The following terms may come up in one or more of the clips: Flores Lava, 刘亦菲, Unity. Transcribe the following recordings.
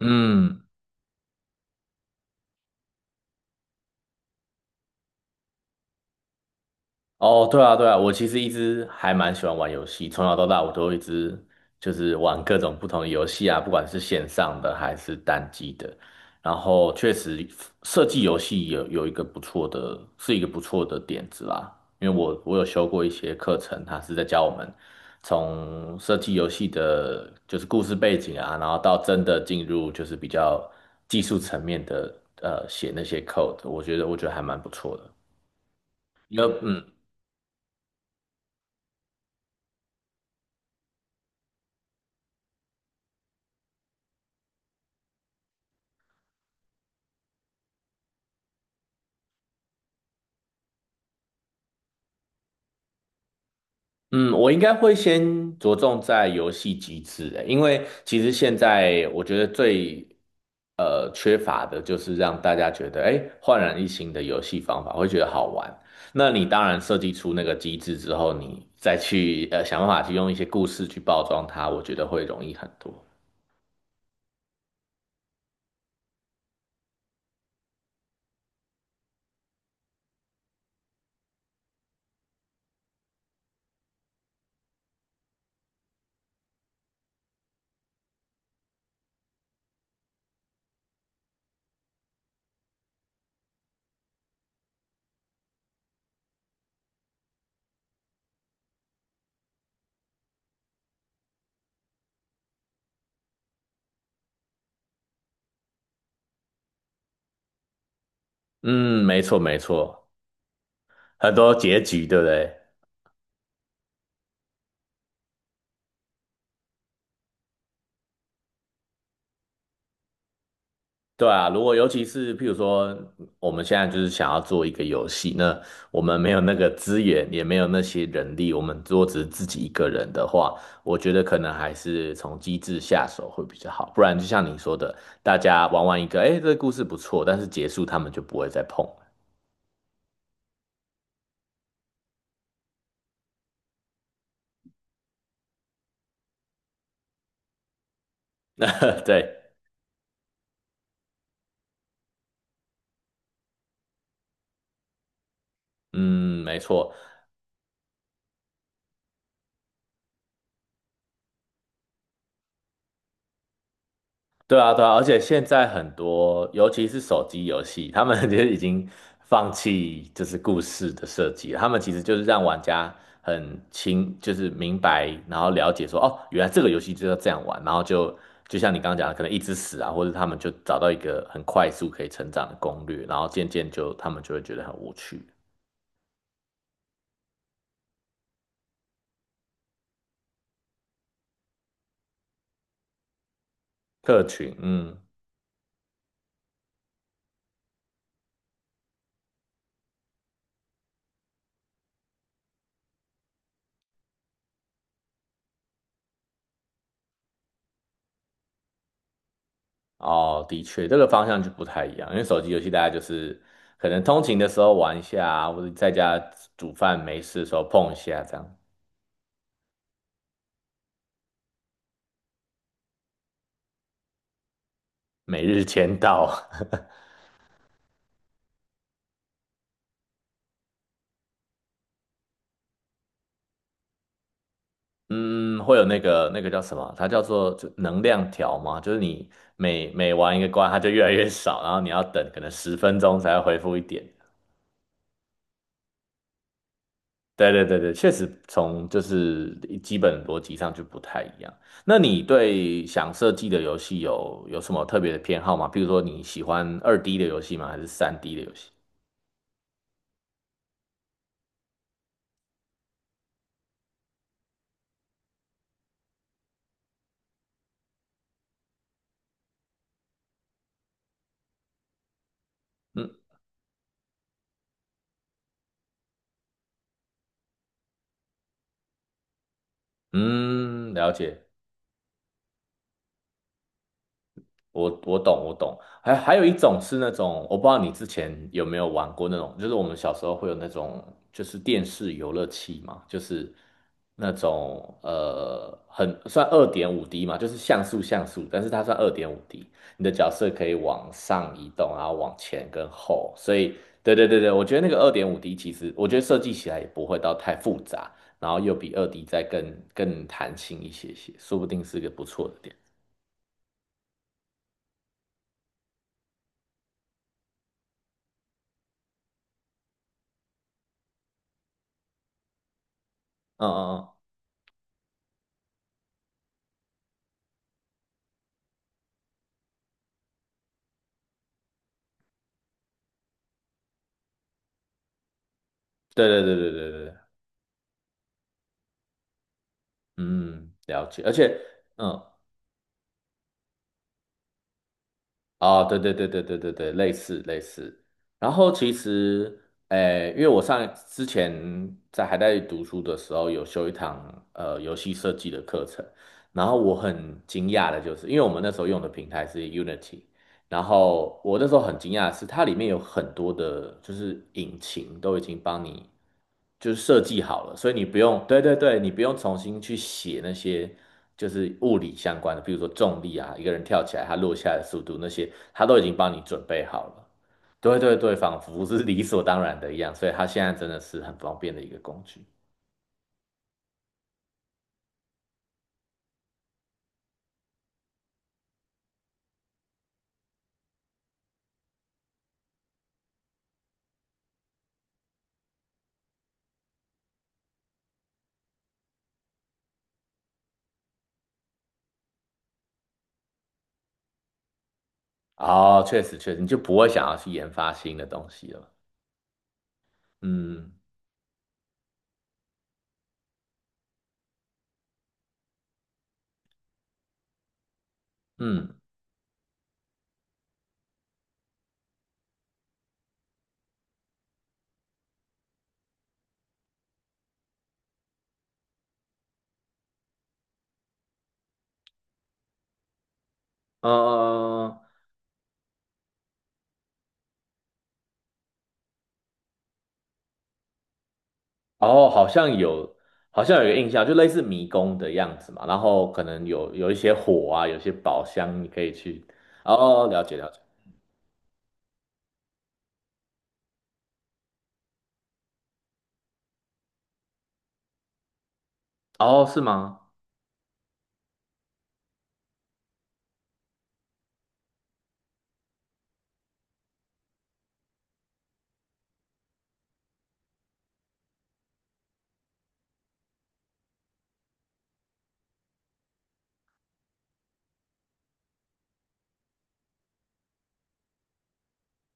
嗯，哦，对啊，对啊，我其实一直还蛮喜欢玩游戏，从小到大我都一直就是玩各种不同的游戏啊，不管是线上的还是单机的。然后确实设计游戏有一个不错的，是一个不错的点子啦，因为我有修过一些课程，他是在教我们从设计游戏的，就是故事背景啊，然后到真的进入就是比较技术层面的，写那些 code，我觉得还蛮不错的。因为嗯。嗯，我应该会先着重在游戏机制欸，因为其实现在我觉得最缺乏的就是让大家觉得哎焕然一新的游戏方法，会觉得好玩。那你当然设计出那个机制之后，你再去想办法去用一些故事去包装它，我觉得会容易很多。嗯，没错没错，很多结局，对不对？对啊，如果尤其是譬如说，我们现在就是想要做一个游戏，那我们没有那个资源，也没有那些人力，我们如果只是自己一个人的话，我觉得可能还是从机制下手会比较好。不然就像你说的，大家玩完一个，哎，这个故事不错，但是结束他们就不会再碰了。对，嗯，没错。对啊，对啊，而且现在很多，尤其是手机游戏，他们 其实已经放弃就是故事的设计了他们其实就是让玩家就是明白，然后了解说，哦，原来这个游戏就要这样玩，然后就就像你刚刚讲的，可能一直死啊，或者他们就找到一个很快速可以成长的攻略，然后渐渐就他们就会觉得很无趣。客群，嗯。哦，的确，这个方向就不太一样，因为手机游戏大家就是可能通勤的时候玩一下啊或者在家煮饭没事的时候碰一下，这样。每日签到，嗯，会有那个叫什么？它叫做就能量条嘛，就是你每玩一个关，它就越来越少，然后你要等可能10 分钟才会恢复一点。对对对对，确实从就是基本逻辑上就不太一样。那你对想设计的游戏有什么特别的偏好吗？比如说你喜欢二 D 的游戏吗？还是三 D 的游戏？嗯嗯，了解。我懂我懂，还有一种是那种，我不知道你之前有没有玩过那种，就是我们小时候会有那种，就是电视游乐器嘛，就是那种很算二点五 D 嘛，就是像素，但是它算二点五 D，你的角色可以往上移动，然后往前跟后，所以对对对对，我觉得那个二点五 D 其实我觉得设计起来也不会到太复杂，然后又比二 D 再更弹性一些些，说不定是个不错的点。嗯嗯嗯。对对对对对对对，嗯，了解。而且，嗯，啊，对对对对对对对，类似类似。然后其实，诶，因为我上之前在还在读书的时候，有修一堂游戏设计的课程，然后我很惊讶的就是，因为我们那时候用的平台是 Unity，然后我那时候很惊讶的是，它里面有很多的，就是引擎都已经帮你就是设计好了，所以你不用，对对对，你不用重新去写那些就是物理相关的，比如说重力啊，一个人跳起来，他落下来的速度那些，它都已经帮你准备好了。对对对，仿佛是理所当然的一样，所以它现在真的是很方便的一个工具。哦，确实确实，你就不会想要去研发新的东西了。嗯嗯，嗯。嗯嗯哦，好像有，好像有一个印象，就类似迷宫的样子嘛。然后可能有一些火啊，有些宝箱你可以去。哦，了解了解。哦，是吗？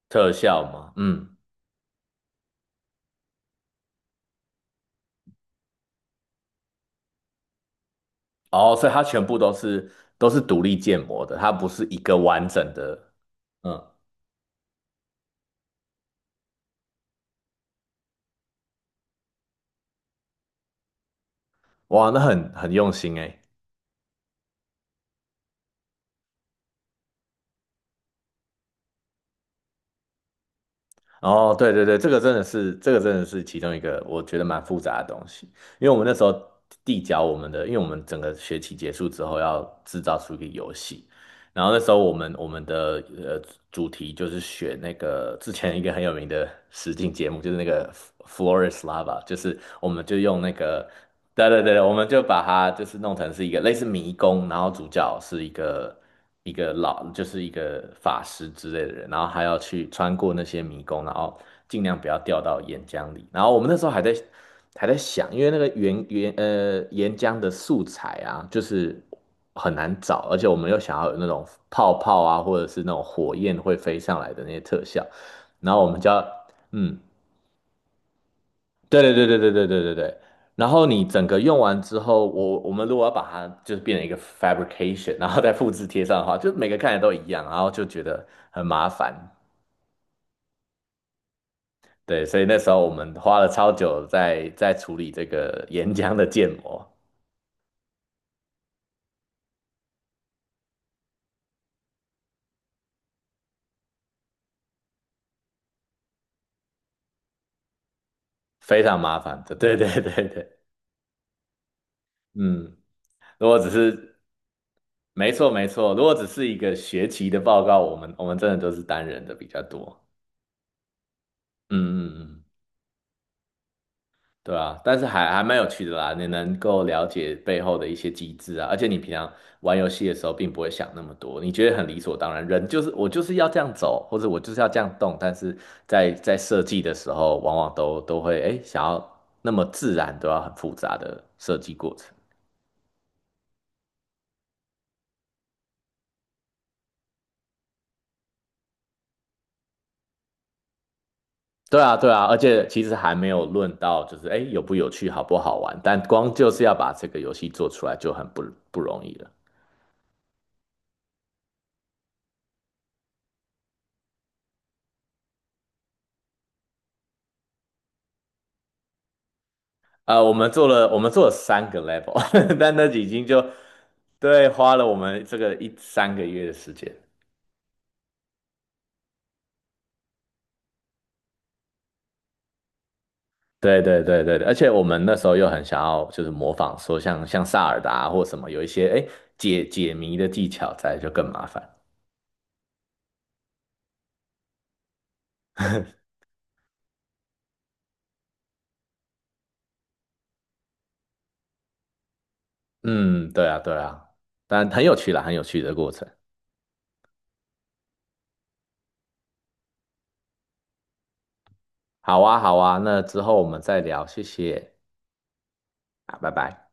特效吗？嗯。哦，所以它全部都是都是独立建模的，它不是一个完整的。嗯，哇，那很用心哎。哦，对对对，这个真的是其中一个我觉得蛮复杂的东西，因为我们那时候递交我们的，因为我们整个学期结束之后要制造出一个游戏。然后那时候我们的主题就是选那个之前一个很有名的实境节目，就是那个 Flores Lava，就是我们就用那个，对对对，我们就把它就是弄成是一个类似迷宫，然后主角是一个老就是一个法师之类的人，然后还要去穿过那些迷宫，然后尽量不要掉到岩浆里。然后我们那时候还在想，因为那个岩浆的素材啊，就是。很难找，而且我们又想要有那种泡泡啊，或者是那种火焰会飞上来的那些特效，然后我们就要，嗯，对对对对对对对对对，然后你整个用完之后，我们如果要把它就是变成一个 fabrication，然后再复制贴上的话，就每个看起来都一样，然后就觉得很麻烦，对，所以那时候我们花了超久在处理这个岩浆的建模，非常麻烦的，对对对对，嗯。如果只是没错没错。如果只是一个学期的报告，我们真的都是单人的比较多。嗯嗯嗯，对啊，但是还蛮有趣的啦，你能够了解背后的一些机制啊，而且你平常玩游戏的时候并不会想那么多，你觉得很理所当然，人就是我就是要这样走，或者我就是要这样动，但是在设计的时候，往往都会哎想要那么自然，都要很复杂的设计过程。对啊，对啊，而且其实还没有论到就是哎有不有趣、好不好玩，但光就是要把这个游戏做出来就很不容易了。我们做了三个 level，但那已经就对花了我们这个一三个月的时间。对对对对对，而且我们那时候又很想要就是模仿说像萨尔达啊或什么有一些哎解谜的技巧在就更麻烦。嗯，对啊对啊，但很有趣啦，很有趣的过程。好啊好啊，那之后我们再聊，谢谢。啊，拜拜。